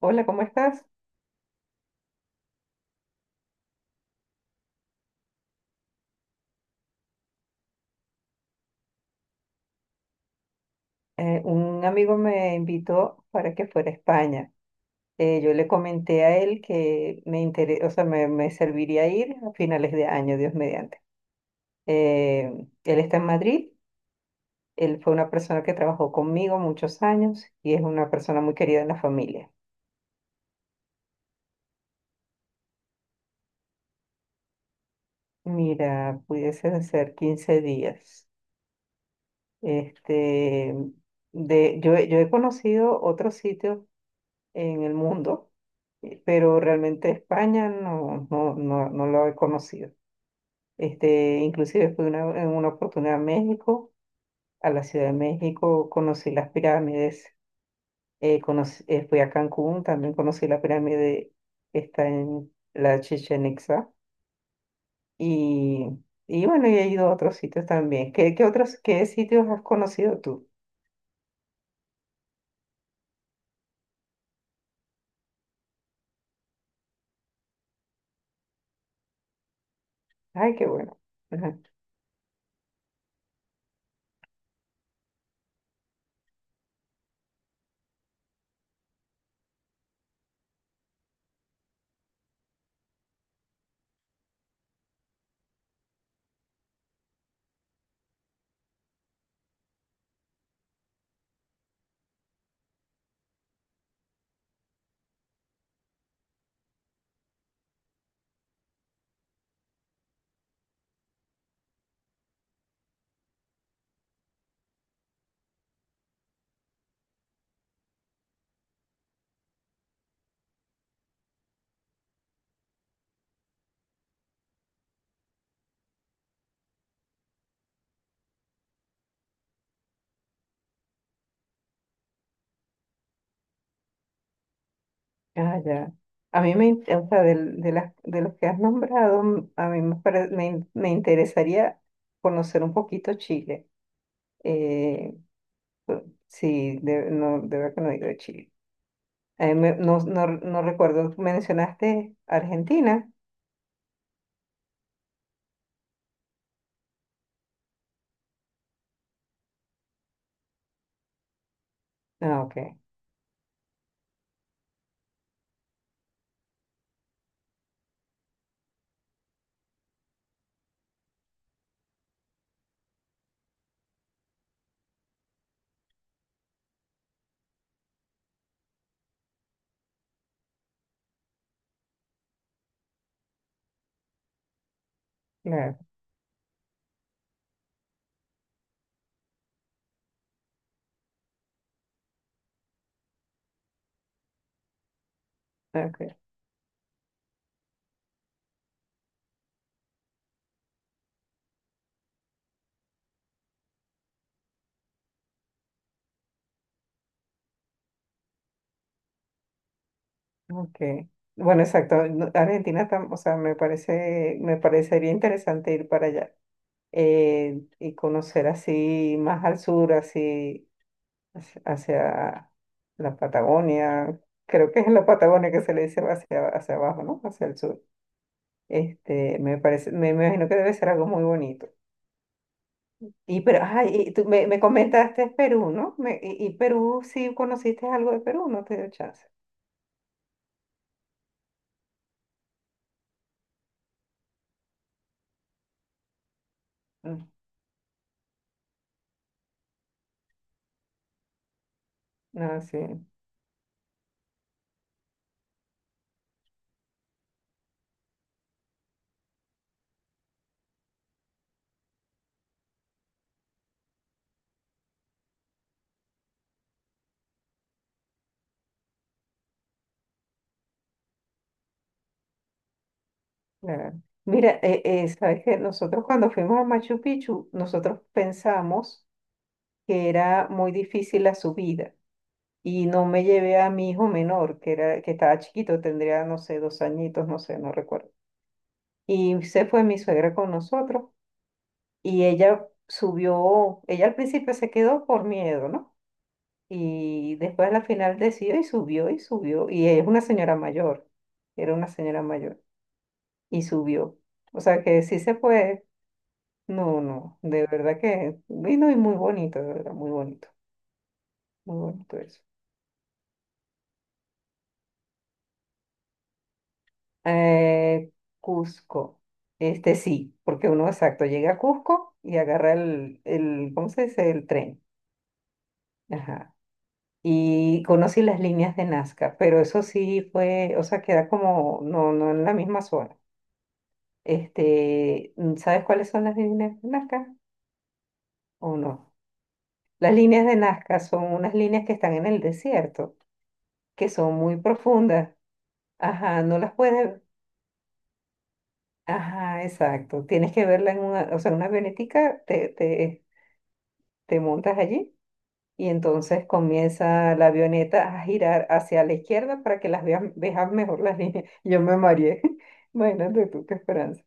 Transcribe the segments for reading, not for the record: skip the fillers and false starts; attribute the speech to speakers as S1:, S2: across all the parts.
S1: Hola, ¿cómo estás? Un amigo me invitó para que fuera a España. Yo le comenté a él que me interesa, o sea, me serviría ir a finales de año, Dios mediante. Eh, Él está en Madrid. Él fue una persona que trabajó conmigo muchos años y es una persona muy querida en la familia. Mira, pudiesen ser 15 días. Este, yo he conocido otros sitios en el mundo, pero realmente España no lo he conocido. Inclusive fui en una oportunidad a México, a la Ciudad de México, conocí las pirámides. Fui a Cancún, también conocí la pirámide que está en la Chichén Itzá. Y, y bueno, y he ido a otros sitios también. ¿Qué sitios has conocido tú? Ay, qué bueno. Ah, ya. A mí me, in- O sea, de los que has nombrado, m- a mí me, pare- me, in- me interesaría conocer un poquito Chile. Eh, sí, no, de verdad que no he ido a Chile. No, no recuerdo, mencionaste Argentina. Ah, ok, claro, ok, ok. Bueno, exacto, Argentina, o sea, me parecería interesante ir para allá. Y conocer así más al sur, así hacia la Patagonia. Creo que es en la Patagonia que se le dice hacia abajo, ¿no? Hacia el sur. Me imagino que debe ser algo muy bonito. Y pero, ay, y tú me comentaste Perú, ¿no? Y Perú, sí conociste algo de Perú, no te dio chance. Mm, no, sí, claro. Mira, sabes que nosotros cuando fuimos a Machu Picchu, nosotros pensamos que era muy difícil la subida y no me llevé a mi hijo menor, que estaba chiquito, tendría, no sé, 2 añitos, no sé, no recuerdo. Y se fue mi suegra con nosotros y ella subió. Ella al principio se quedó por miedo, ¿no? Y después a la final decidió y subió y subió. Y ella es una señora mayor, era una señora mayor y subió. O sea que sí se puede. No, no, de verdad que vino y muy bonito, de verdad, muy bonito eso. Eh, Cusco. Este sí, porque uno exacto llega a Cusco y agarra ¿cómo se dice? El tren. Ajá. Y conocí las líneas de Nazca, pero eso sí fue, o sea, queda como, no en la misma zona. ¿Sabes cuáles son las líneas de Nazca o no? Las líneas de Nazca son unas líneas que están en el desierto, que son muy profundas. Ajá, no las puedes, ajá, exacto. Tienes que verla o sea, en una avionetica te montas allí y entonces comienza la avioneta a girar hacia la izquierda para que veas mejor las líneas. Yo me mareé, imagínate tú qué esperanza,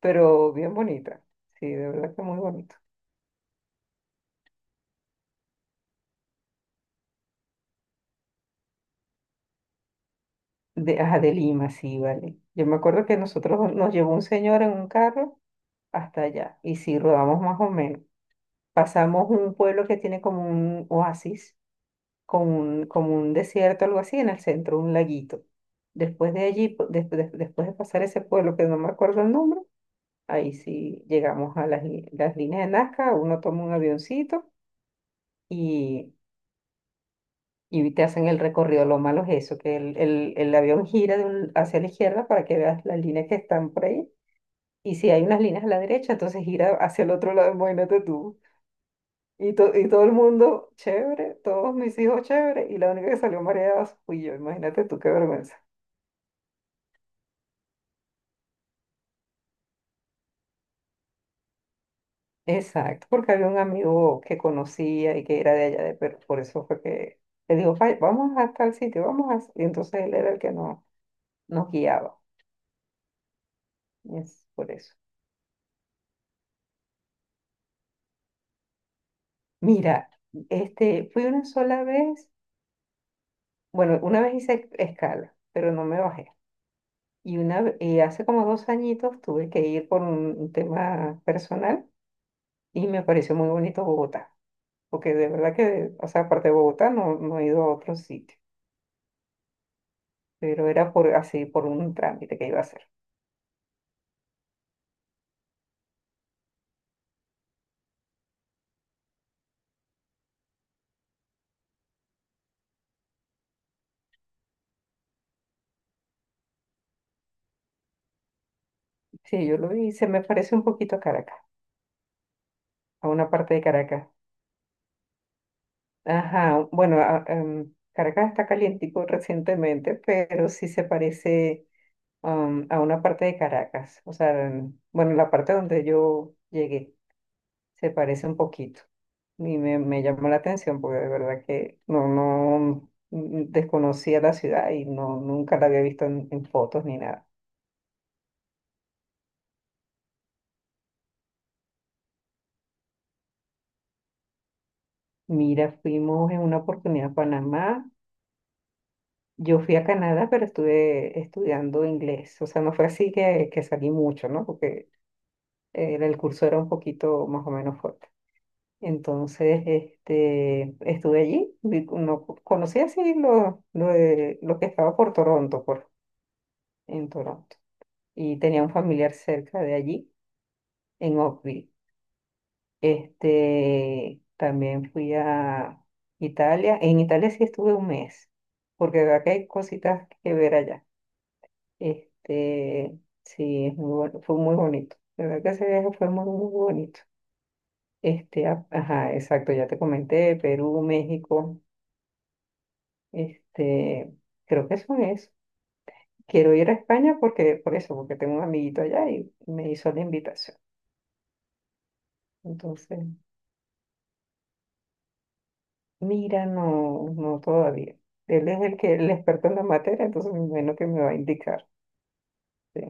S1: pero bien bonita, sí, de verdad que muy bonito. De de Lima, sí, vale. Yo me acuerdo que nosotros nos llevó un señor en un carro hasta allá y sí, rodamos más o menos. Pasamos un pueblo que tiene como un oasis, como un desierto, algo así, en el centro, un laguito. Después de allí, después de pasar ese pueblo que no me acuerdo el nombre, ahí sí llegamos a las líneas de Nazca. Uno toma un avioncito y, y te hacen el recorrido. Lo malo es eso, que el avión gira hacia la izquierda para que veas las líneas que están por ahí. Y si hay unas líneas a la derecha, entonces gira hacia el otro lado, imagínate tú. Y todo el mundo, chévere, todos mis hijos, chévere, y la única que salió mareada fui yo, imagínate tú, qué vergüenza. Exacto, porque había un amigo que conocía y que era de allá, de pero por eso fue que le digo: "Vay, vamos a tal sitio, vamos a..." Y entonces él era el que no, nos guiaba, y es por eso. Mira, fui una sola vez, bueno, una vez hice escala, pero no me bajé. Y hace como 2 añitos tuve que ir por un tema personal y me pareció muy bonito Bogotá, porque de verdad que, o sea, aparte de Bogotá no he ido a otro sitio, pero era por así, por un trámite que iba a hacer. Sí, yo lo vi, se me parece un poquito a Caracas, a una parte de Caracas. Ajá, bueno, Caracas está calientico recientemente, pero sí se parece, a una parte de Caracas. O sea, bueno, la parte donde yo llegué se parece un poquito. Y me llamó la atención porque de verdad que no desconocía la ciudad y no, nunca la había visto en fotos ni nada. Mira, fuimos en una oportunidad a Panamá. Yo fui a Canadá, pero estuve estudiando inglés. O sea, no fue así que salí mucho, ¿no? Porque el curso era un poquito más o menos fuerte. Entonces, estuve allí. No, conocí así lo que estaba por Toronto, en Toronto. Y tenía un familiar cerca de allí, en Oakville. También fui a Italia. En Italia sí estuve un mes, porque de verdad que hay cositas que ver allá. Este, sí, es muy bueno, fue muy bonito. La verdad que ese viaje fue muy, muy bonito. Ajá, exacto, ya te comenté, Perú, México, este, creo que eso es. Quiero ir a España porque, por eso, porque tengo un amiguito allá y me hizo la invitación. Entonces, mira, no todavía. Él es el experto en la materia, entonces bueno que me va a indicar. Sí.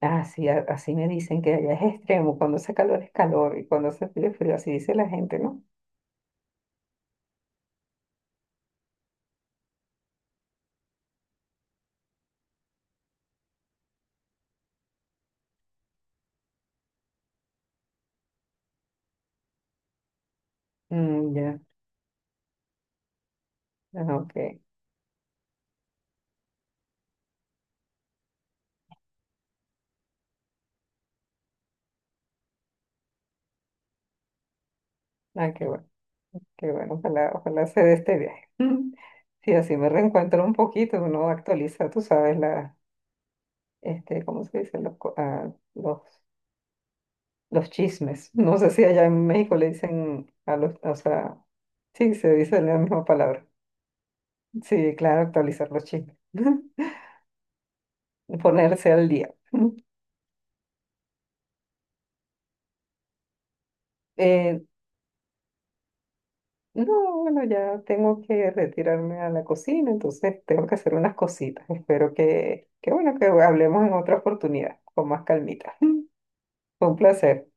S1: Ah, sí, así me dicen que allá es extremo, cuando hace calor es calor y cuando hace frío es frío, así dice la gente, ¿no? Mm, ya. Ah, ok. Ah, qué bueno, qué bueno. Ojalá, ojalá se dé este viaje. Sí, así me reencuentro un poquito, uno actualiza, tú sabes, ¿cómo se dice? Los, co- ah, los chismes. No sé si allá en México le dicen a los, o sea, sí, se dice la misma palabra. Sí, claro, actualizar los chismes. Ponerse al día. Eh, No, bueno, ya tengo que retirarme a la cocina, entonces tengo que hacer unas cositas. Espero que bueno, que hablemos en otra oportunidad, con más calmita. Fue un placer.